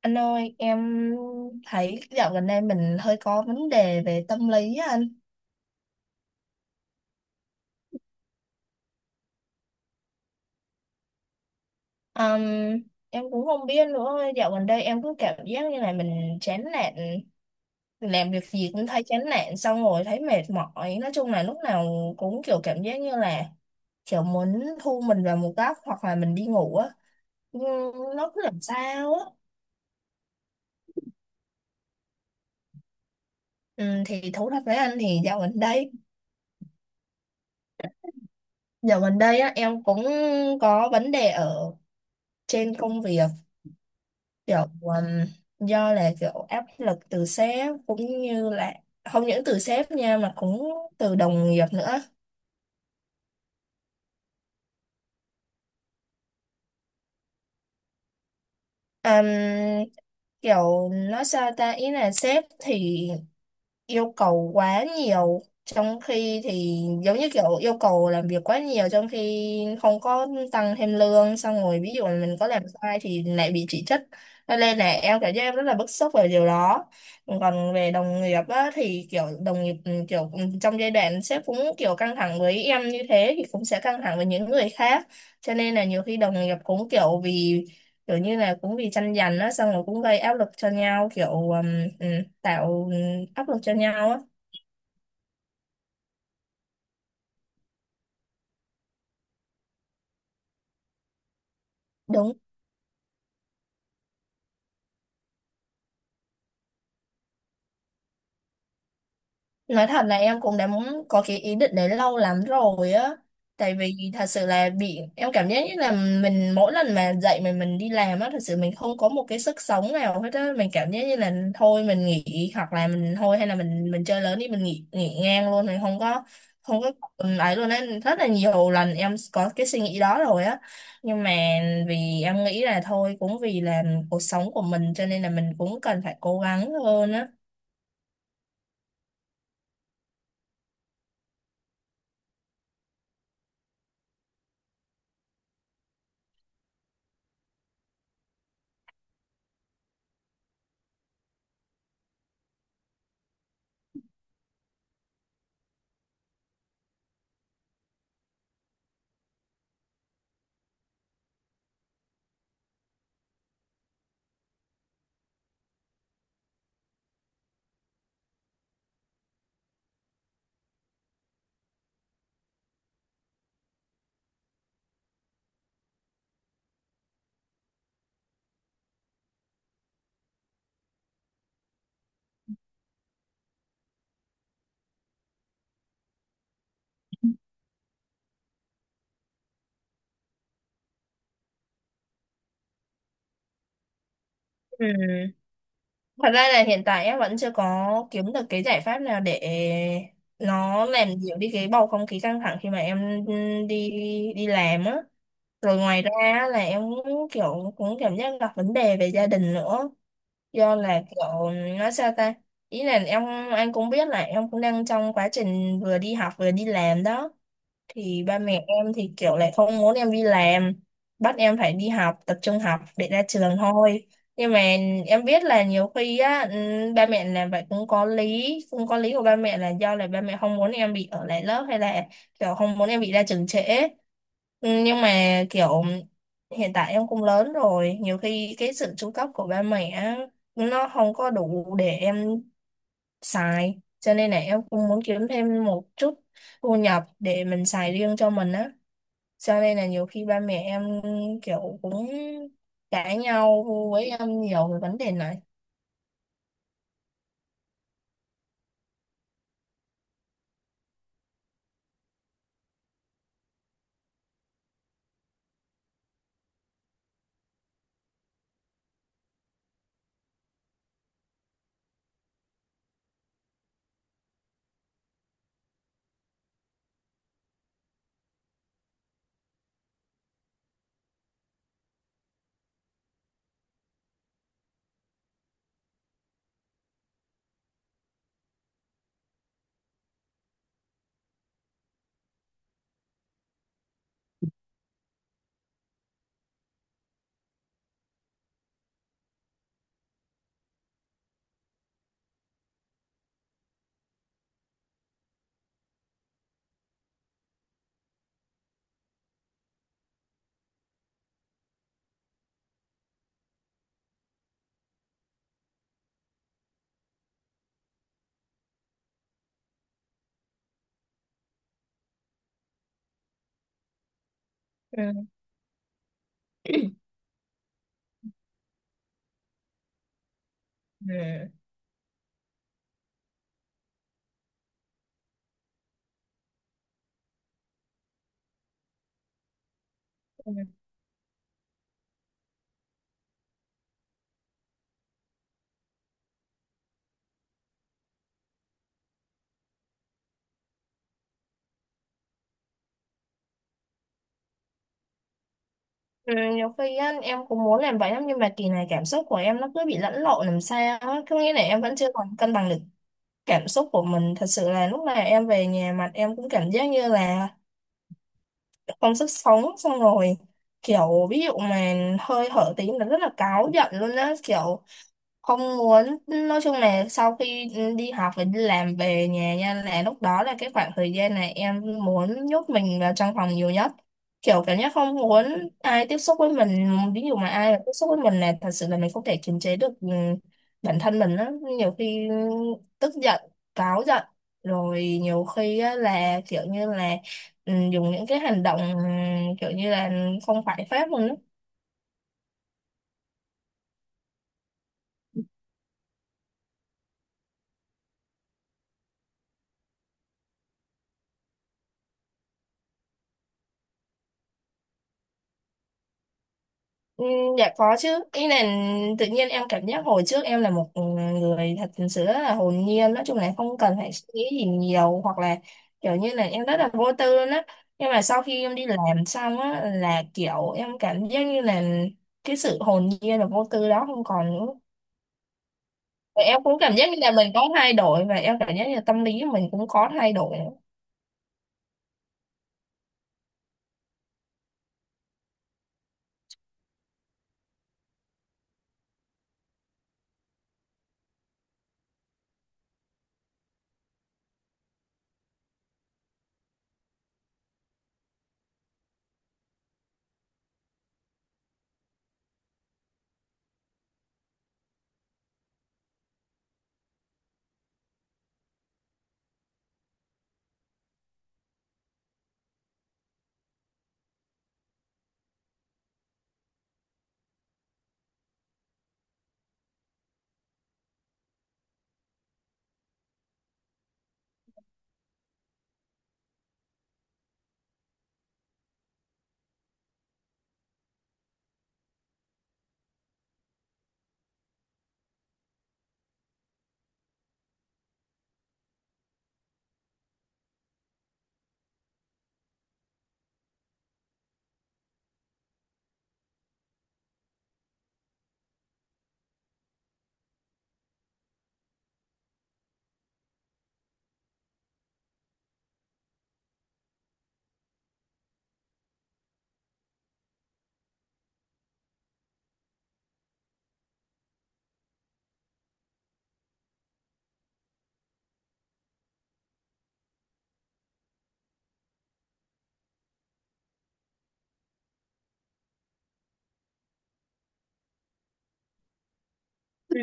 Anh ơi, em thấy dạo gần đây mình hơi có vấn đề về tâm lý á anh. Ừm, em cũng không biết nữa, dạo gần đây em cứ cảm giác như là mình chán nản, làm việc gì cũng thấy chán nản, xong rồi thấy mệt mỏi. Nói chung là lúc nào cũng kiểu cảm giác như là kiểu muốn thu mình vào một góc hoặc là mình đi ngủ á. Nhưng nó cứ làm sao á. Ừ, thì thú thật với anh thì dạo gần đây á, em cũng có vấn đề ở trên công việc, kiểu do là kiểu áp lực từ sếp cũng như là không những từ sếp nha mà cũng từ đồng nghiệp nữa. Ừm, Kiểu nói sao ta, ý là sếp thì yêu cầu quá nhiều, trong khi thì giống như kiểu yêu cầu làm việc quá nhiều trong khi không có tăng thêm lương, xong rồi ví dụ là mình có làm sai thì lại bị chỉ trích, cho nên là em cảm giác em rất là bức xúc về điều đó. Còn về đồng nghiệp á, thì kiểu đồng nghiệp kiểu trong giai đoạn sếp cũng kiểu căng thẳng với em như thế thì cũng sẽ căng thẳng với những người khác, cho nên là nhiều khi đồng nghiệp cũng kiểu vì kiểu như là cũng vì tranh giành á, xong rồi cũng gây áp lực cho nhau, kiểu ừm, tạo áp lực cho nhau á. Đúng. Nói thật là em cũng đã muốn có cái ý định đấy lâu lắm rồi á. Tại vì thật sự là bị em cảm giác như là mình mỗi lần mà dậy mình đi làm á, thật sự mình không có một cái sức sống nào hết á, mình cảm giác như là thôi mình nghỉ hoặc là mình thôi hay là mình chơi lớn đi, mình nghỉ nghỉ ngang luôn, mình không có ấy luôn á, rất là nhiều lần em có cái suy nghĩ đó rồi á. Nhưng mà vì em nghĩ là thôi cũng vì là cuộc sống của mình, cho nên là mình cũng cần phải cố gắng hơn á. Ừ. Thật ra là hiện tại em vẫn chưa có kiếm được cái giải pháp nào để nó làm dịu đi cái bầu không khí căng thẳng khi mà em đi đi làm á. Rồi ngoài ra á, là em cũng kiểu cũng cảm giác gặp vấn đề về gia đình nữa. Do là kiểu nói sao ta? Ý là em, anh cũng biết là em cũng đang trong quá trình vừa đi học vừa đi làm đó, thì ba mẹ em thì kiểu lại không muốn em đi làm, bắt em phải đi học tập trung học để ra trường thôi. Nhưng mà em biết là nhiều khi á ba mẹ làm vậy cũng có lý của ba mẹ là do là ba mẹ không muốn em bị ở lại lớp hay là kiểu không muốn em bị ra trường trễ. Nhưng mà kiểu hiện tại em cũng lớn rồi, nhiều khi cái sự chu cấp của ba mẹ á, nó không có đủ để em xài, cho nên là em cũng muốn kiếm thêm một chút thu nhập để mình xài riêng cho mình á, cho nên là nhiều khi ba mẹ em kiểu cũng cãi nhau với em nhiều về vấn đề này. Ừ. Ừ. Ừ. Ừ, nhiều khi á, em cũng muốn làm vậy lắm, nhưng mà kỳ này cảm xúc của em nó cứ bị lẫn lộn làm sao á, có nghĩa là em vẫn chưa còn cân bằng được cảm xúc của mình. Thật sự là lúc nào em về nhà mặt em cũng cảm giác như là không sức sống, xong rồi kiểu ví dụ mà hơi hở tí là rất là cáu giận luôn á, kiểu không muốn, nói chung là sau khi đi học và đi làm về nhà nha, là lúc đó là cái khoảng thời gian này em muốn nhốt mình vào trong phòng nhiều nhất, kiểu cảm giác không muốn ai tiếp xúc với mình, ví dụ mà ai mà tiếp xúc với mình là thật sự là mình không thể kiềm chế được bản thân mình á, nhiều khi tức giận, cáu giận, rồi nhiều khi á, là kiểu như là dùng những cái hành động kiểu như là không phải phép luôn á. Ừ, dạ có chứ, ý là tự nhiên em cảm giác hồi trước em là một người thật sự rất là hồn nhiên, nói chung là không cần phải suy nghĩ gì nhiều hoặc là kiểu như là em rất là vô tư luôn á, nhưng mà sau khi em đi làm xong á, là kiểu em cảm giác như là cái sự hồn nhiên và vô tư đó không còn nữa, và em cũng cảm giác như là mình có thay đổi và em cảm giác như là tâm lý mình cũng có thay đổi nữa.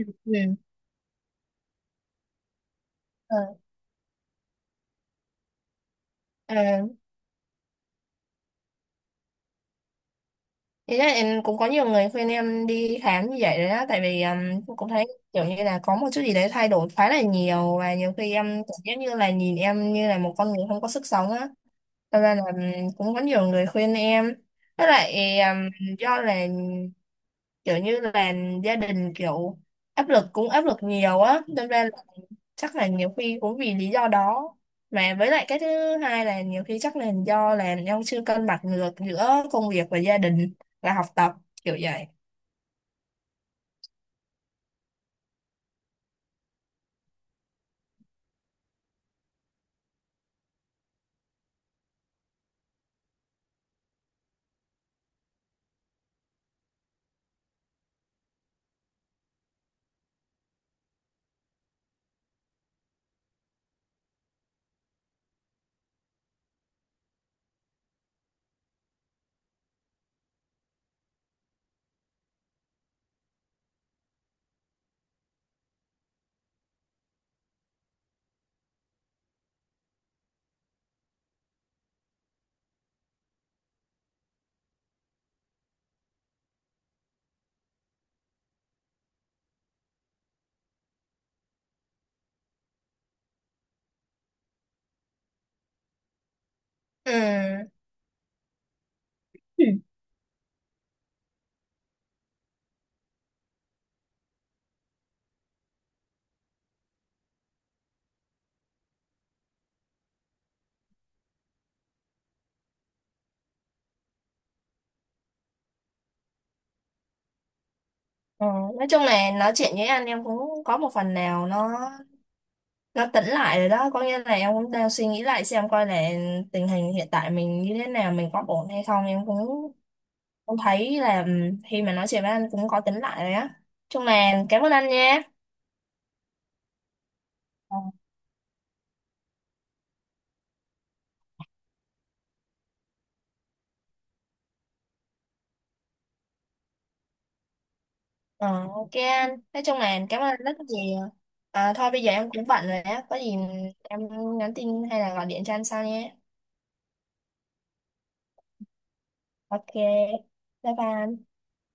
Ừ. Ờ. À, ý là em cũng có nhiều người khuyên em đi khám như vậy đấy á, tại vì cũng cũng thấy kiểu như là có một chút gì đấy thay đổi khá là nhiều, và nhiều khi em cảm giác như là nhìn em như là một con người không có sức sống á. Thật ra là cũng có nhiều người khuyên em. Với lại do là kiểu như là gia đình kiểu áp lực, cũng áp lực nhiều á, nên ra là chắc là nhiều khi cũng vì lý do đó, mà với lại cái thứ hai là nhiều khi chắc là do là ông chưa cân bằng được giữa công việc và gia đình và học tập, kiểu vậy. Ừ. Ừ. Ờ, nói chung là nói chuyện với anh em cũng có một phần nào nó tỉnh lại rồi đó, có nghĩa là em cũng đang suy nghĩ lại xem coi là tình hình hiện tại mình như thế nào, mình có ổn hay không, em cũng cũng thấy là khi mà nói chuyện với anh cũng có tỉnh lại rồi á, chung là cảm ơn anh nha. Ờ, ok anh. Nói chung là cảm ơn anh rất nhiều. À, thôi bây giờ em cũng bận rồi á. Có gì em nhắn tin hay là gọi điện cho anh sau nhé. Ok. Bye bye, anh.